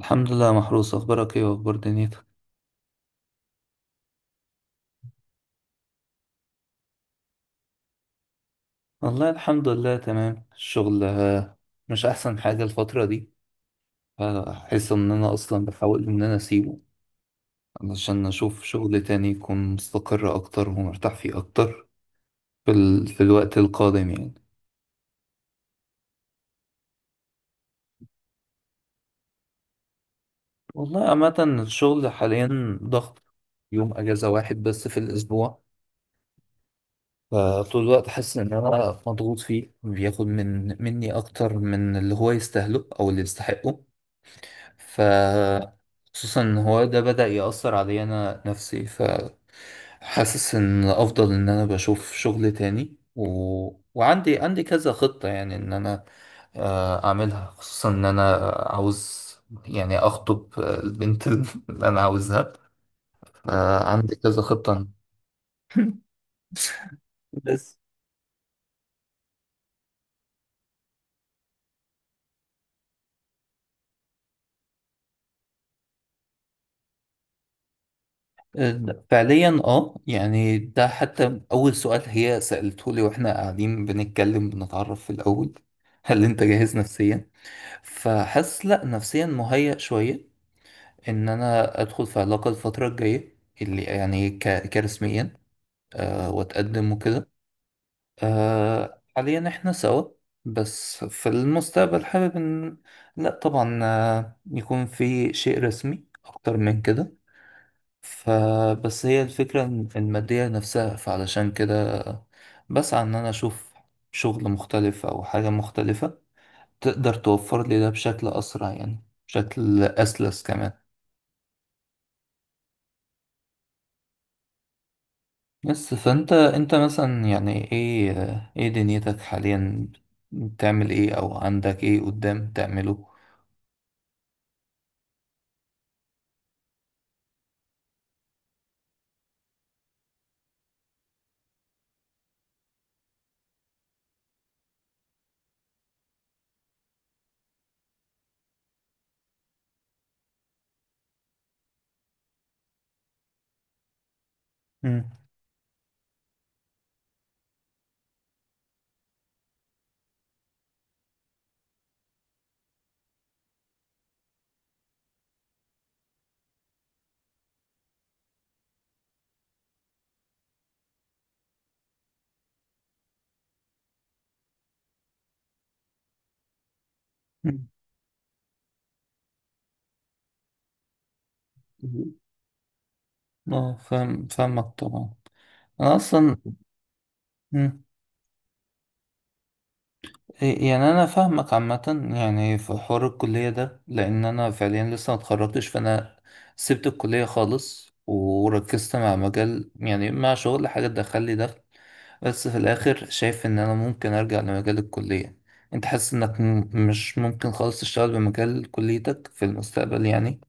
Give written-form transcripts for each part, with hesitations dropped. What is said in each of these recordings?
الحمد لله محروس، اخبارك ايه واخبار دنيتك؟ والله الحمد لله تمام. الشغل آه، مش احسن حاجة الفترة دي. فاحس ان انا اصلا بحاول ان انا اسيبه علشان اشوف شغل تاني يكون مستقر اكتر ومرتاح فيه اكتر في الوقت القادم يعني. والله عامة الشغل حاليا ضغط، يوم اجازة واحد بس في الاسبوع. فطول الوقت حاسس ان انا مضغوط فيه، بياخد من مني اكتر من اللي هو يستاهله او اللي يستحقه. ف خصوصا ان هو ده بدأ يأثر عليا انا نفسي. فحاسس ان افضل ان انا بشوف شغل تاني وعندي كذا خطة يعني ان انا آه، اعملها. خصوصا ان انا عاوز، يعني اخطب البنت اللي انا عاوزها. فعندي كذا خطة. بس آه، فعليا اه، يعني ده حتى اول سؤال هي سألته لي واحنا قاعدين بنتكلم بنتعرف في الاول: هل انت جاهز نفسيا؟ فحاسس لا، نفسيا مهيأ شوية ان انا ادخل في علاقة الفترة الجاية اللي يعني كرسميا أه، واتقدم وكده. أه حاليا احنا سوا، بس في المستقبل حابب ان، لا طبعا آه، يكون في شيء رسمي اكتر من كده. فبس هي الفكرة المادية نفسها. فعلشان كده بسعى ان انا اشوف شغل مختلف او حاجة مختلفة تقدر توفر لي ده بشكل أسرع، يعني بشكل أسلس كمان. بس فأنت مثلا يعني إيه دنيتك حاليا؟ بتعمل إيه أو عندك إيه قدام تعمله؟ مم. مم. اه، فاهمك طبعا. أنا أصلا، يعني انا فاهمك عامه. يعني في حوار الكليه ده، لان انا فعليا لسه ما اتخرجتش. فانا سبت الكليه خالص وركزت مع مجال، يعني مع شغل حاجه تدخل لي دخل. بس في الاخر شايف ان انا ممكن ارجع لمجال الكليه. انت حاسس انك مش ممكن خالص تشتغل بمجال كليتك في المستقبل يعني؟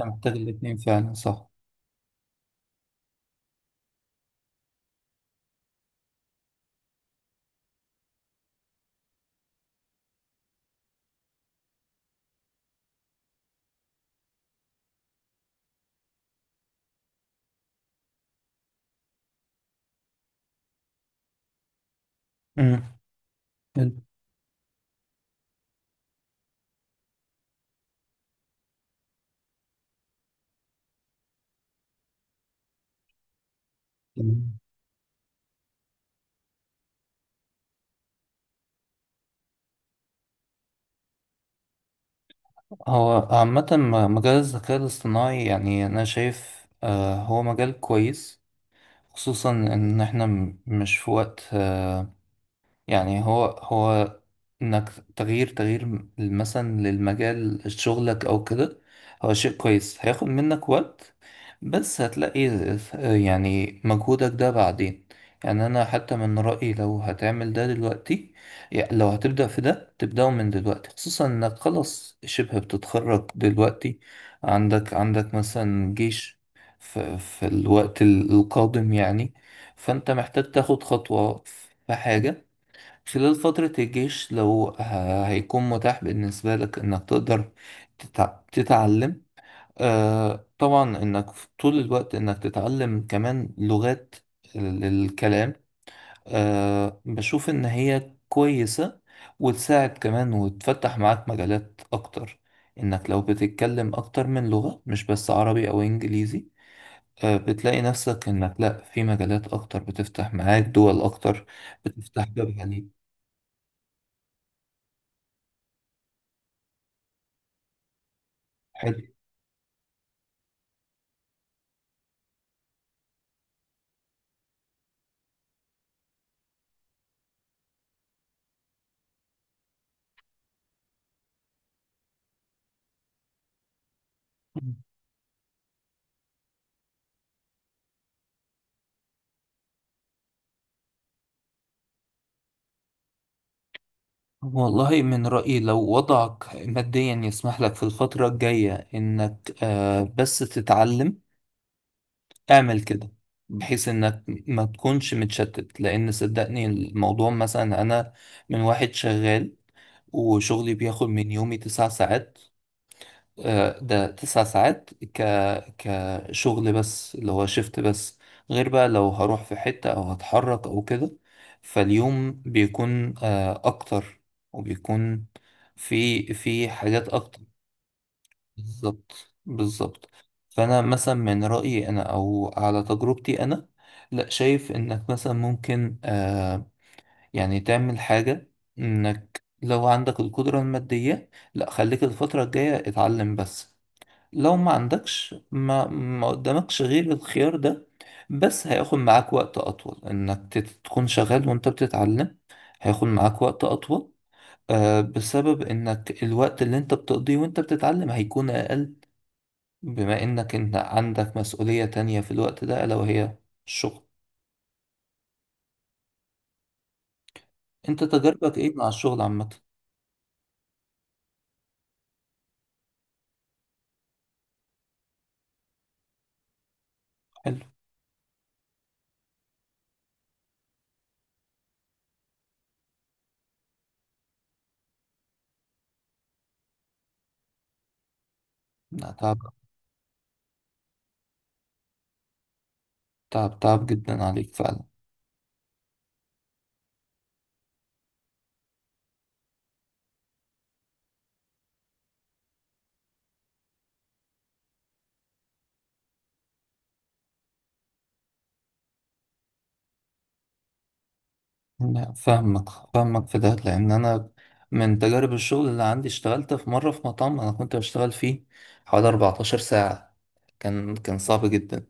أنت محتاج الاتنين فعلا، صح؟ امم. هو عامة مجال الذكاء الاصطناعي يعني أنا شايف آه، هو مجال كويس. خصوصا ان احنا مش في وقت آه، يعني هو انك تغيير مثلا للمجال شغلك او كده هو شيء كويس. هياخد منك وقت بس هتلاقي، يعني مجهودك ده بعدين. يعني انا حتى من رأيي لو هتعمل ده دلوقتي، يعني لو هتبدأ في ده تبدأه من دلوقتي، خصوصا انك خلاص شبه بتتخرج دلوقتي. عندك مثلا جيش في الوقت القادم يعني. فانت محتاج تاخد خطوة في حاجة خلال فترة الجيش، لو هيكون متاح بالنسبة لك إنك تقدر تتعلم آه. طبعا إنك في طول الوقت إنك تتعلم كمان لغات، الكلام، آه بشوف إن هي كويسة وتساعد كمان وتفتح معاك مجالات أكتر. إنك لو بتتكلم أكتر من لغة مش بس عربي أو إنجليزي، آه بتلاقي نفسك إنك لأ في مجالات أكتر بتفتح معاك، دول أكتر. بتفتح باب عليك. حلو. والله من رأيي لو وضعك ماديا يسمح لك في الفترة الجاية إنك آه، بس تتعلم، اعمل كده، بحيث إنك ما تكونش متشتت. لأن صدقني الموضوع مثلا أنا، من واحد شغال وشغلي بياخد من يومي تسع ساعات. آه، ده تسع ساعات كشغل بس اللي هو شيفت بس. غير بقى لو هروح في حتة أو هتحرك أو كده، فاليوم بيكون آه، أكتر، وبيكون في حاجات أكتر. بالظبط بالظبط. فأنا مثلا من رأيي أنا أو على تجربتي أنا، لا شايف إنك مثلا ممكن آه، يعني تعمل حاجة. إنك لو عندك القدرة المادية، لا، خليك الفترة الجاية اتعلم بس. لو ما عندكش ما قدامكش غير الخيار ده، بس هياخد معاك وقت أطول إنك تكون شغال وأنت بتتعلم. هياخد معاك وقت أطول آه، بسبب إنك الوقت اللي أنت بتقضيه وأنت بتتعلم هيكون أقل، بما إنك أنت عندك مسؤولية تانية في الوقت ده ألا وهي الشغل. أنت تجربك إيه مع الشغل عامة؟ حلو. لا تعب. تعب تعب جدا عليك فعلا. لا فاهمك، فاهمك في ده، لان انا من تجارب الشغل اللي عندي اشتغلت في مره في مطعم انا كنت بشتغل فيه حوالي 14 ساعه. كان صعب جدا.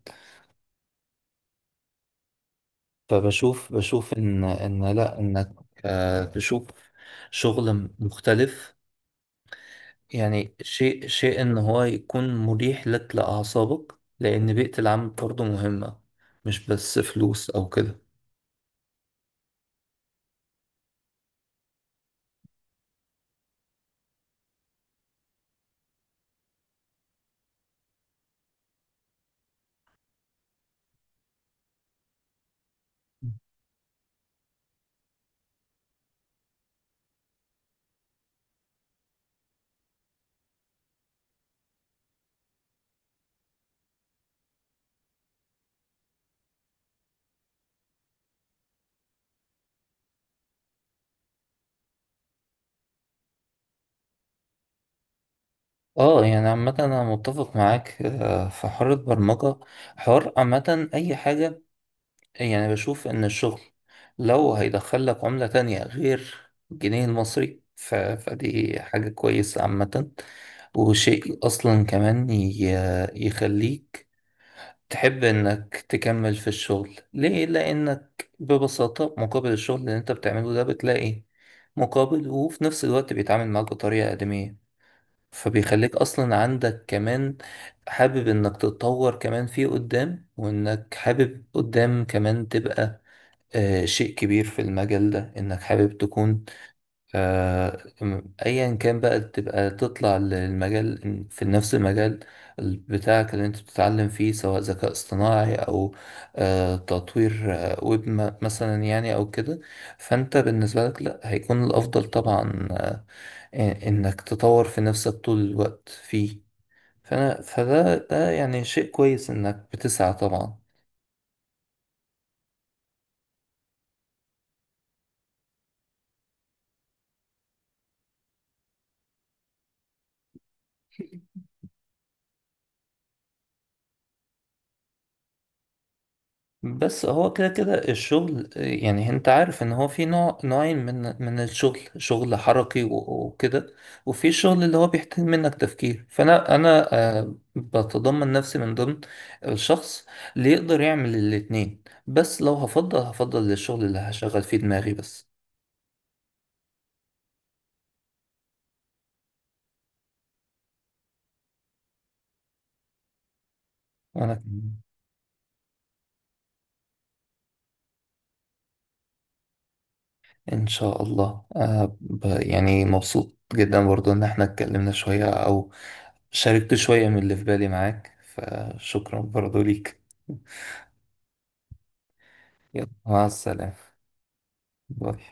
فبشوف ان لا، انك آه، تشوف شغل مختلف. يعني شيء ان هو يكون مريح لك لاعصابك، لان بيئه العمل برضه مهمه، مش بس فلوس او كده. اه يعني عامة أنا متفق معاك آه، في حوار البرمجة، حوار عامة أي حاجة. يعني بشوف إن الشغل لو هيدخل لك عملة تانية غير الجنيه المصري فدي حاجة كويسة عامة. وشيء أصلا كمان يخليك تحب إنك تكمل في الشغل ليه؟ لأنك ببساطة مقابل الشغل اللي أنت بتعمله ده بتلاقي مقابل، وفي نفس الوقت بيتعامل معاك بطريقة آدمية. فبيخليك اصلا عندك كمان حابب انك تتطور كمان فيه قدام، وانك حابب قدام كمان تبقى آه شيء كبير في المجال ده، انك حابب تكون آه ايا كان بقى تبقى تطلع للمجال في نفس المجال بتاعك اللي انت بتتعلم فيه، سواء ذكاء اصطناعي او آه تطوير آه ويب مثلا يعني او كده. فانت بالنسبة لك لا، هيكون الافضل طبعا آه، آه، انك تطور في نفسك طول الوقت فيه. فانا فده يعني شيء كويس انك بتسعى طبعا. بس هو كده كده الشغل آه، يعني انت عارف ان هو في نوع، نوعين من الشغل، شغل حركي وكده، وفي الشغل اللي هو بيحتاج منك تفكير. فانا آه، بتضمن نفسي من ضمن الشخص اللي يقدر يعمل الاتنين، بس لو هفضل هفضل للشغل اللي هشغل فيه دماغي بس. انا ان شاء الله آه يعني مبسوط جدا برضو ان احنا اتكلمنا شوية او شاركت شوية من اللي في بالي معاك. فشكرا برضو ليك. يلا مع السلامة. باي.